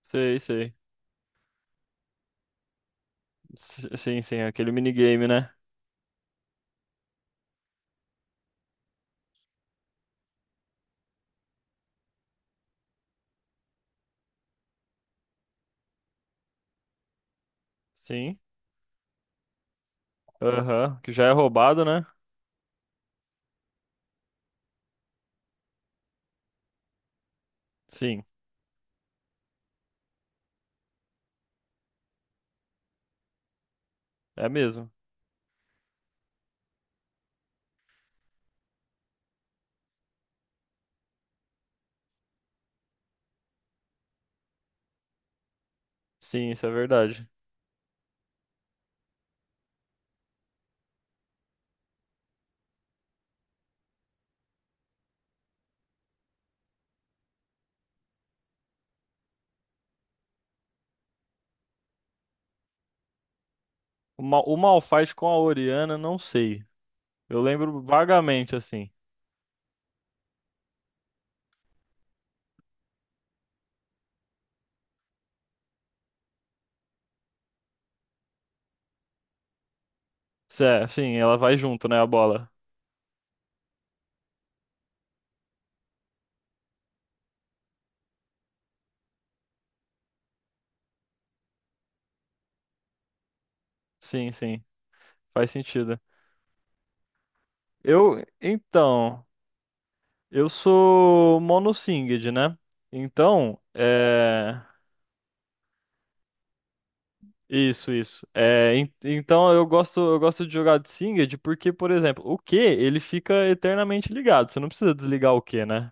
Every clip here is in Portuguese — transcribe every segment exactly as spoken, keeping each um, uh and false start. Sei, sei. S- Sim, sim, aquele minigame, né? Sim. Aham. Que já é roubado, né? Sim, é mesmo. Sim, isso é verdade. O, Ma o Malphite com a Orianna, não sei. Eu lembro vagamente, assim. Cé, sim, ela vai junto, né, a bola. Sim, sim. Faz sentido. Eu, então, eu sou monossinged, né? Então, é. Isso, isso. É, en- então eu gosto, eu gosto de jogar de Singed porque, por exemplo, o Q ele fica eternamente ligado. Você não precisa desligar o Q, né?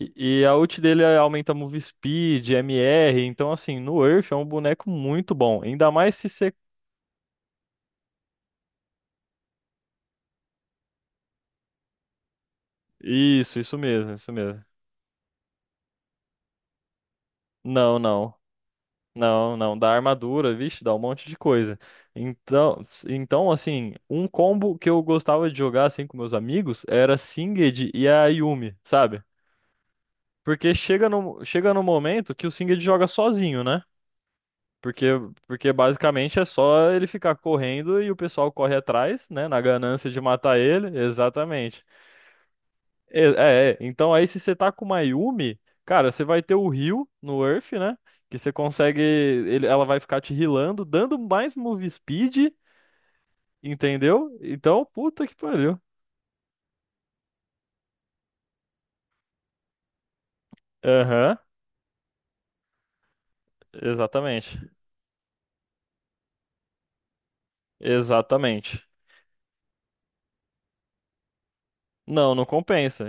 E, e a ult dele aumenta move speed, M R. Então, assim, no Earth é um boneco muito bom. Ainda mais se você. Isso, isso mesmo, isso mesmo. Não, não. Não, não. Dá armadura, vixe, dá um monte de coisa. Então, s- então, assim, um combo que eu gostava de jogar assim com meus amigos era Singed e a Yuumi, sabe? Porque chega no, chega no momento que o Singed joga sozinho, né? Porque, porque basicamente é só ele ficar correndo e o pessoal corre atrás, né? Na ganância de matar ele. Exatamente. É, é, é. Então aí se você tá com uma Yumi, cara, você vai ter o heal no Earth, né? Que você consegue. Ele- ela vai ficar te healando, dando mais move speed, entendeu? Então, puta que pariu. Aham, exatamente. Exatamente. Não, não compensa.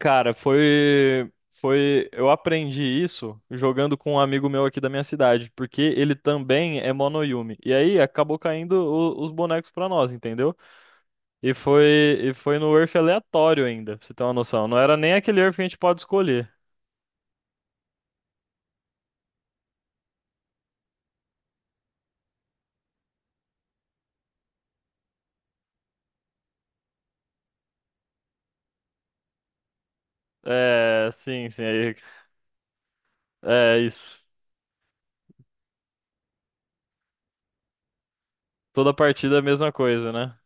Cara, foi, foi, eu aprendi isso jogando com um amigo meu aqui da minha cidade, porque ele também é Monoyumi. E aí acabou caindo o- os bonecos pra nós, entendeu? E foi, e foi no Earth aleatório ainda, pra você ter uma noção. Não era nem aquele Earth que a gente pode escolher. É, sim, sim, aí, é isso. Toda partida é a mesma coisa, né?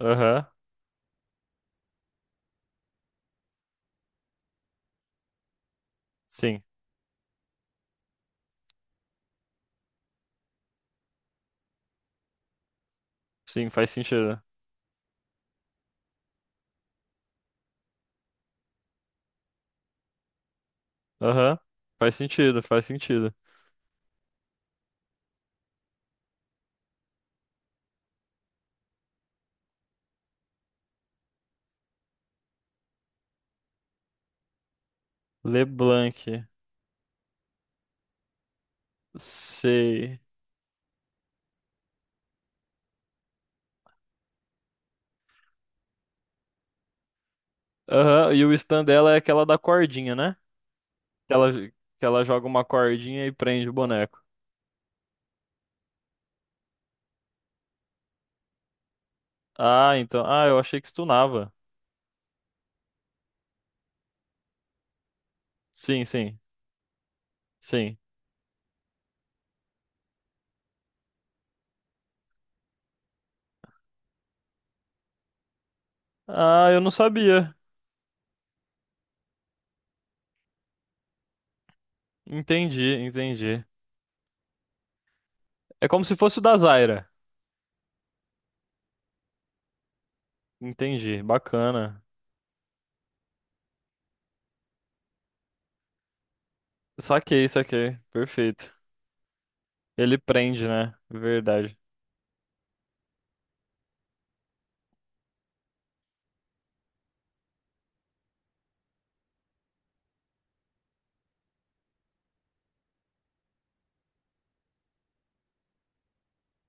Aham. Sim, sim, faz sentido. Aham. Faz sentido, faz sentido. LeBlanc. Sei. Aham, e o stand dela é aquela da cordinha, né? Que ela, que ela joga uma cordinha e prende o boneco. Ah, então. Ah, eu achei que stunava. Sim, sim, sim. Ah, eu não sabia. Entendi, entendi. É como se fosse o da Zyra. Entendi, bacana. Saquei, saquei. Perfeito. Ele prende, né? Verdade.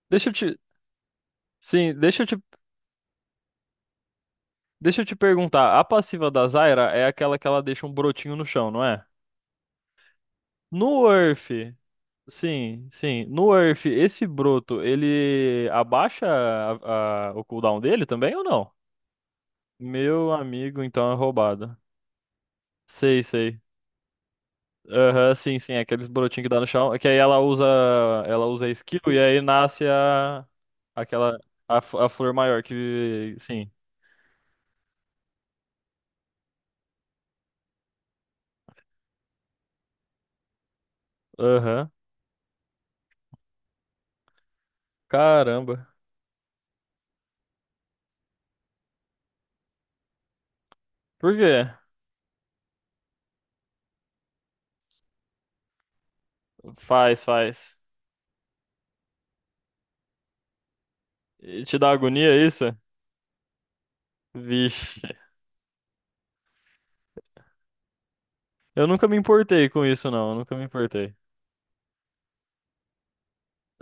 Deixa eu te. Sim, deixa eu te. Deixa eu te perguntar. A passiva da Zyra é aquela que ela deixa um brotinho no chão, não é? No Earth. Sim, sim. No Earth, esse broto, ele abaixa a- a- o cooldown dele também ou não? Meu amigo, então é roubado. Sei, sei. Aham, sim, sim. é Aqueles brotinhos que dá no chão. Que aí ela usa, ela usa a skill e aí nasce a, aquela, a, f- a flor maior que, sim. Aham. Caramba. Por quê? Faz, faz. E te dá agonia isso? Vixe. Eu nunca me importei com isso, não. Eu nunca me importei.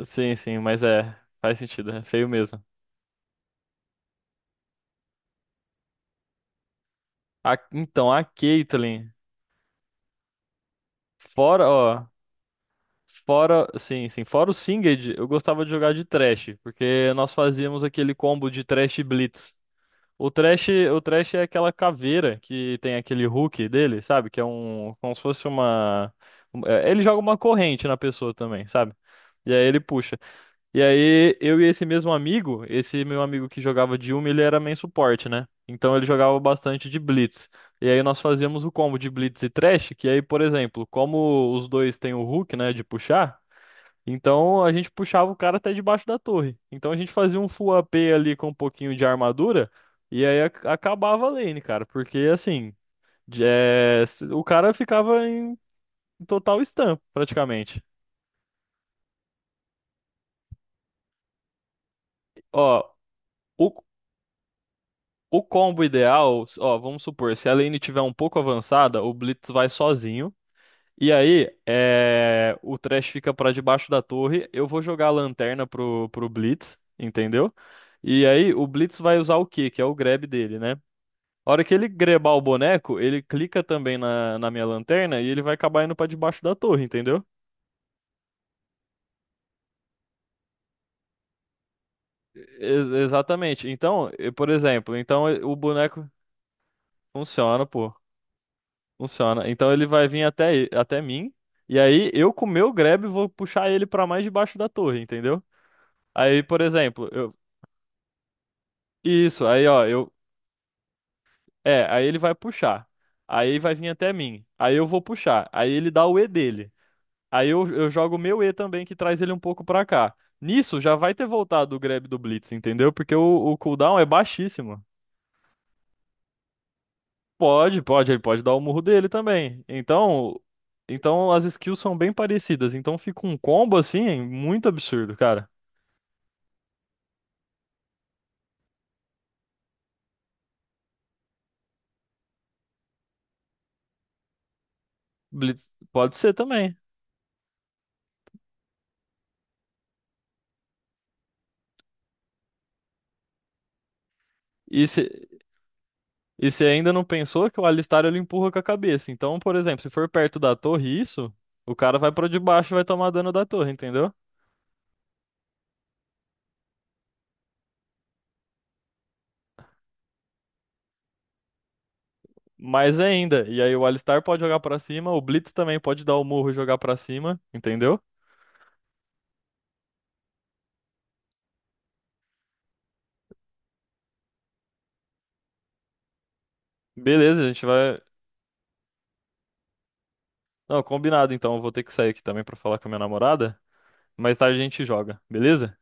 Sim, sim, mas é, faz sentido, é feio mesmo. A- então, a Caitlyn, fora, ó, fora, sim, sim, fora o Singed, eu gostava de jogar de Thresh, porque nós fazíamos aquele combo de Thresh e Blitz. O Thresh, o Thresh é aquela caveira que tem aquele hook dele, sabe? Que é um, como se fosse uma, um- é, ele joga uma corrente na pessoa também, sabe? E aí ele puxa. E aí, eu e esse mesmo amigo, esse meu amigo que jogava de Yumi, ele era main suporte, né? Então ele jogava bastante de Blitz. E aí nós fazíamos o combo de Blitz e Thresh, que aí, por exemplo, como os dois têm o hook, né, de puxar, então a gente puxava o cara até debaixo da torre. Então a gente fazia um full A P ali com um pouquinho de armadura, e aí ac- acabava a lane, cara, porque assim, de- é, s- o cara ficava em total stun, praticamente. Ó, o, O combo ideal, ó, vamos supor, se a lane tiver um pouco avançada, o Blitz vai sozinho. E aí, é, o Thresh fica pra debaixo da torre. Eu vou jogar a lanterna pro, pro Blitz, entendeu? E aí, o Blitz vai usar o quê? Que é o grab dele, né? A hora que ele grebar o boneco, ele clica também na, na minha lanterna e ele vai acabar indo pra debaixo da torre, entendeu? Ex- exatamente. Então, eh, por exemplo, então eh, o boneco funciona, pô. Funciona. Então ele vai vir até, até mim, e aí eu com o meu grab vou puxar ele pra mais debaixo da torre, entendeu? Aí, por exemplo, eu. Isso, aí ó, eu. É, aí ele vai puxar. Aí vai vir até mim. Aí eu vou puxar. Aí ele dá o E dele. Aí eu, eu jogo o meu E também, que traz ele um pouco pra cá. Nisso já vai ter voltado o grab do Blitz, entendeu? Porque o, o cooldown é baixíssimo. Pode, pode, ele pode dar o murro dele também. Então, então as skills são bem parecidas. Então fica um combo assim, muito absurdo, cara. Blitz, pode ser também. E se, e se ainda não pensou que o Alistar ele empurra com a cabeça. Então, por exemplo, se for perto da torre isso, o cara vai pra debaixo e vai tomar dano da torre, entendeu? Mais ainda. E aí o Alistar pode jogar pra cima, o Blitz também pode dar o murro e jogar pra cima, entendeu? Beleza, a gente vai. Não, combinado então. Eu vou ter que sair aqui também pra falar com a minha namorada. Mais tarde a gente joga, beleza?